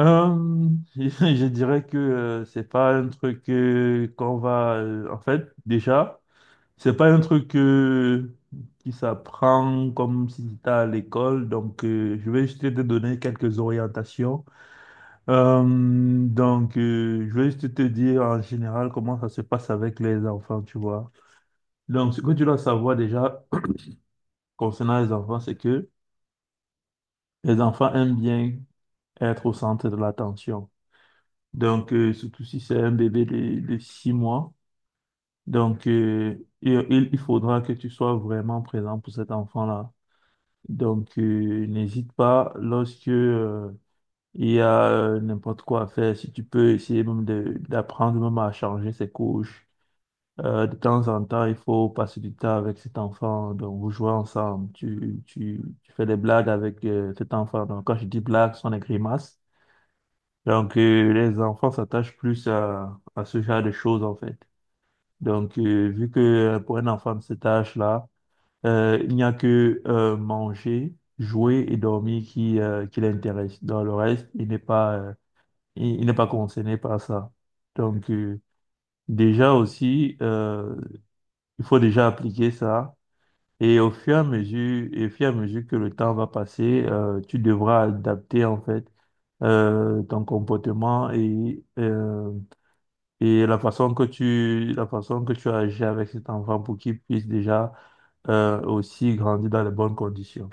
Euh, je dirais que c'est pas un truc qu'on va. En fait, déjà, c'est pas un truc qui s'apprend comme si c'était à l'école. Donc, je vais juste te donner quelques orientations. Euh, donc, je vais juste te dire en général comment ça se passe avec les enfants, tu vois. Donc, ce que tu dois savoir déjà concernant les enfants, c'est que les enfants aiment bien être au centre de l'attention. Donc, surtout si c'est un bébé de 6 mois. Donc, il faudra que tu sois vraiment présent pour cet enfant-là. Donc, n'hésite pas lorsque il y a n'importe quoi à faire. Si tu peux essayer même d'apprendre même à changer ses couches. De temps en temps, il faut passer du temps avec cet enfant. Donc, vous jouez ensemble. Tu fais des blagues avec cet enfant. Donc, quand je dis blagues, ce sont des grimaces. Donc, les enfants s'attachent plus à ce genre de choses, en fait. Donc, vu que pour un enfant de cet âge-là, il n'y a que manger, jouer et dormir qui l'intéresse. Dans le reste, il n'est pas, il n'est pas concerné par ça. Donc, déjà aussi, il faut déjà appliquer ça. Et au fur et à mesure, et au fur et à mesure que le temps va passer, tu devras adapter, en fait, ton comportement et la façon que tu agis avec cet enfant pour qu'il puisse déjà aussi grandir dans les bonnes conditions.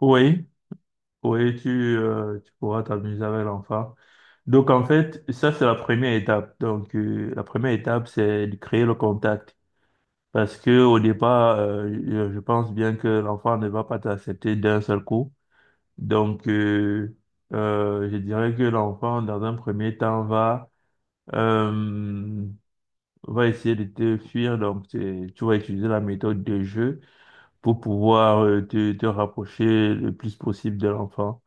Oui, oui, tu pourras t'amuser avec l'enfant. Donc en fait, ça c'est la première étape. Donc la première étape, c'est de créer le contact. Parce que au départ, je pense bien que l'enfant ne va pas t'accepter d'un seul coup. Donc je dirais que l'enfant, dans un premier temps, va. euh, On va essayer de te fuir, donc tu vas utiliser la méthode de jeu pour pouvoir te rapprocher le plus possible de l'enfant.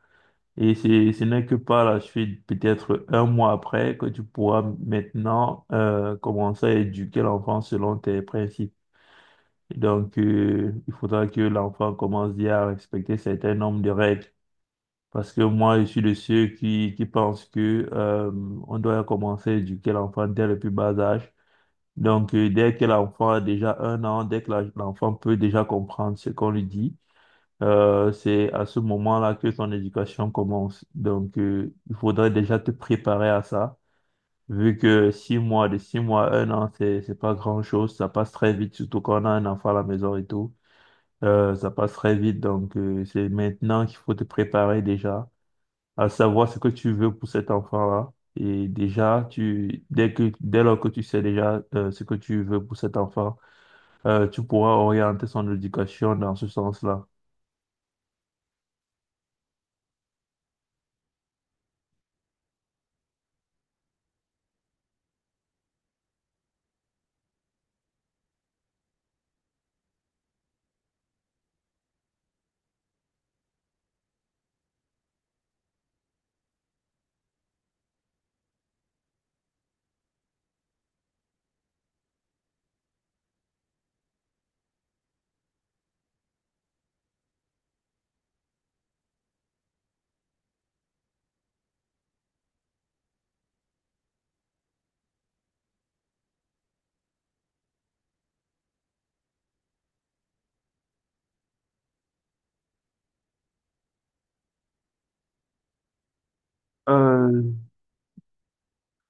Et ce n'est que par la suite, peut-être 1 mois après, que tu pourras maintenant commencer à éduquer l'enfant selon tes principes. Donc, il faudra que l'enfant commence déjà à respecter certains nombres de règles. Parce que moi, je suis de ceux qui pensent que on doit commencer à éduquer l'enfant dès le plus bas âge. Donc, dès que l'enfant a déjà 1 an, dès que l'enfant peut déjà comprendre ce qu'on lui dit, c'est à ce moment-là que son éducation commence. Donc, il faudrait déjà te préparer à ça, vu que 6 mois, de 6 mois à 1 an, c'est pas grand-chose, ça passe très vite, surtout quand on a un enfant à la maison et tout. Ça passe très vite, donc c'est maintenant qu'il faut te préparer déjà à savoir ce que tu veux pour cet enfant-là. Et déjà, dès lors que tu sais déjà ce que tu veux pour cet enfant, tu pourras orienter son éducation dans ce sens-là. Euh,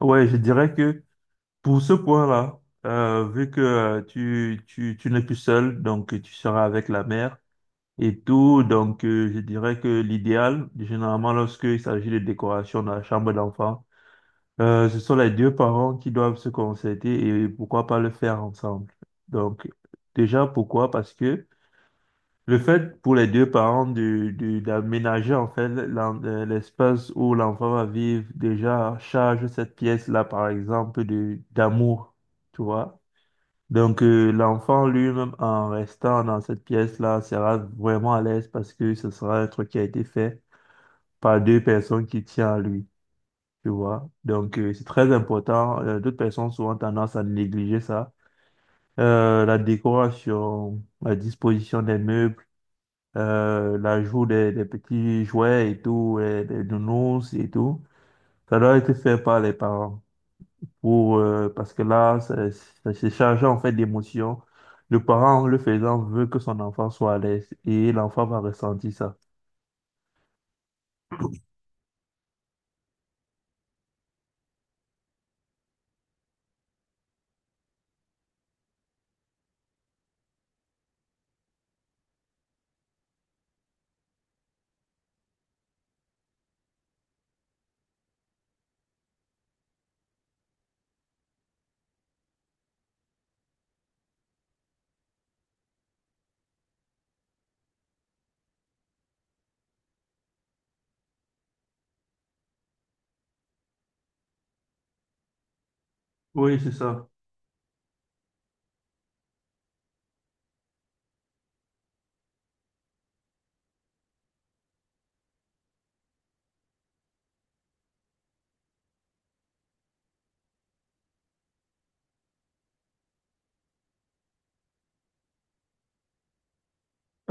ouais, je dirais que pour ce point-là, vu que tu n'es plus seul, donc tu seras avec la mère et tout, donc je dirais que l'idéal, généralement lorsqu'il s'agit de décoration dans la chambre d'enfant, ce sont les deux parents qui doivent se concerter et pourquoi pas le faire ensemble. Donc déjà, pourquoi? Parce que le fait pour les deux parents d'aménager en fait l'espace où l'enfant va vivre déjà charge cette pièce-là par exemple de d'amour, tu vois. Donc l'enfant lui-même en restant dans cette pièce-là sera vraiment à l'aise parce que ce sera un truc qui a été fait par deux personnes qui tiennent à lui, tu vois. Donc c'est très important. D'autres personnes souvent tendance à négliger ça. La décoration, la disposition des meubles, l'ajout des petits jouets et tout, et des nounours et tout. Ça doit être fait par les parents pour, parce que là, c'est chargé en fait d'émotions. Le parent, en le faisant, veut que son enfant soit à l'aise et l'enfant va ressentir ça. Oui, c'est ça.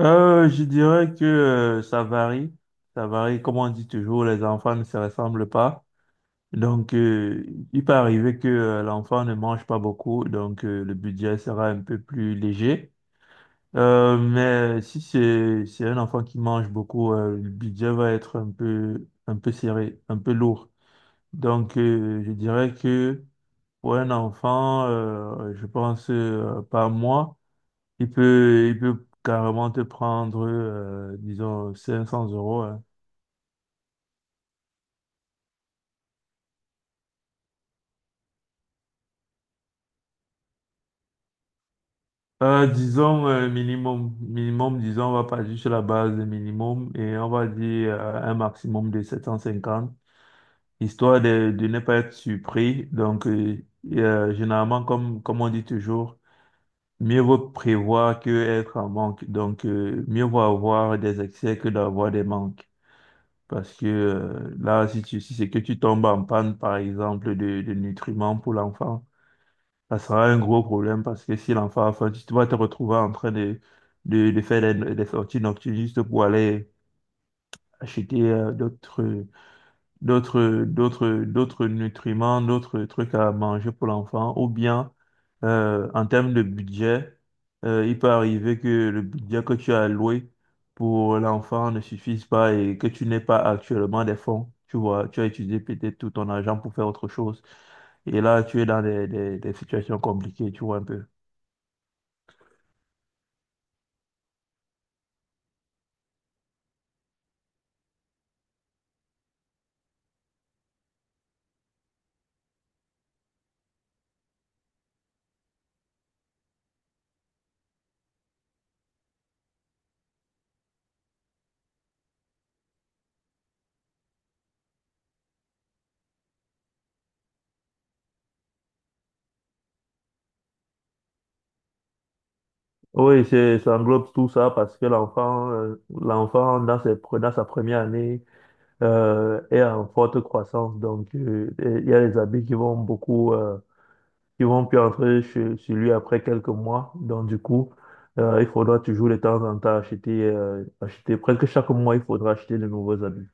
Je dirais que ça varie. Ça varie. Comme on dit toujours, les enfants ne se ressemblent pas. Donc, il peut arriver que l'enfant ne mange pas beaucoup, donc le budget sera un peu plus léger. Mais si c'est un enfant qui mange beaucoup, le budget va être un peu serré, un peu lourd. Donc je dirais que pour un enfant, je pense par mois, il peut carrément te prendre disons 500 euros. Hein. Disons minimum, disons on va partir sur la base de minimum et on va dire un maximum de 750. Histoire de ne pas être surpris. Donc, et, généralement, comme on dit toujours, mieux vaut prévoir que être en manque. Donc, mieux vaut avoir des excès que d'avoir des manques. Parce que là, si c'est que tu tombes en panne, par exemple, de nutriments pour l'enfant, ça sera un gros problème parce que si l'enfant a faim, vas te retrouver en train de faire des sorties nocturnes juste pour aller acheter d'autres. D'autres nutriments, d'autres trucs à manger pour l'enfant, ou bien en termes de budget, il peut arriver que le budget que tu as alloué pour l'enfant ne suffise pas et que tu n'aies pas actuellement des fonds. Tu vois, tu as utilisé peut-être tout ton argent pour faire autre chose. Et là, tu es dans des situations compliquées, tu vois un peu. Oui, ça englobe tout ça parce que l'enfant, dans sa première année, est en forte croissance. Donc, et il y a les habits qui vont beaucoup, qui vont plus entrer chez lui après quelques mois. Donc, du coup, il faudra toujours de temps en temps acheter. Presque chaque mois, il faudra acheter de nouveaux habits.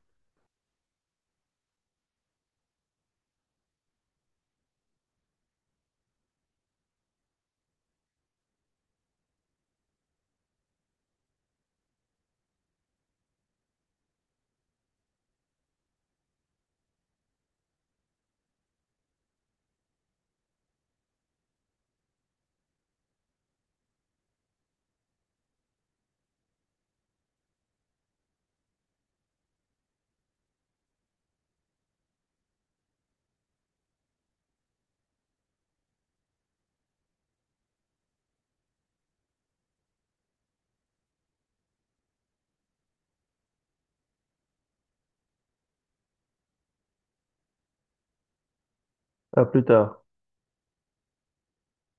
À plus tard.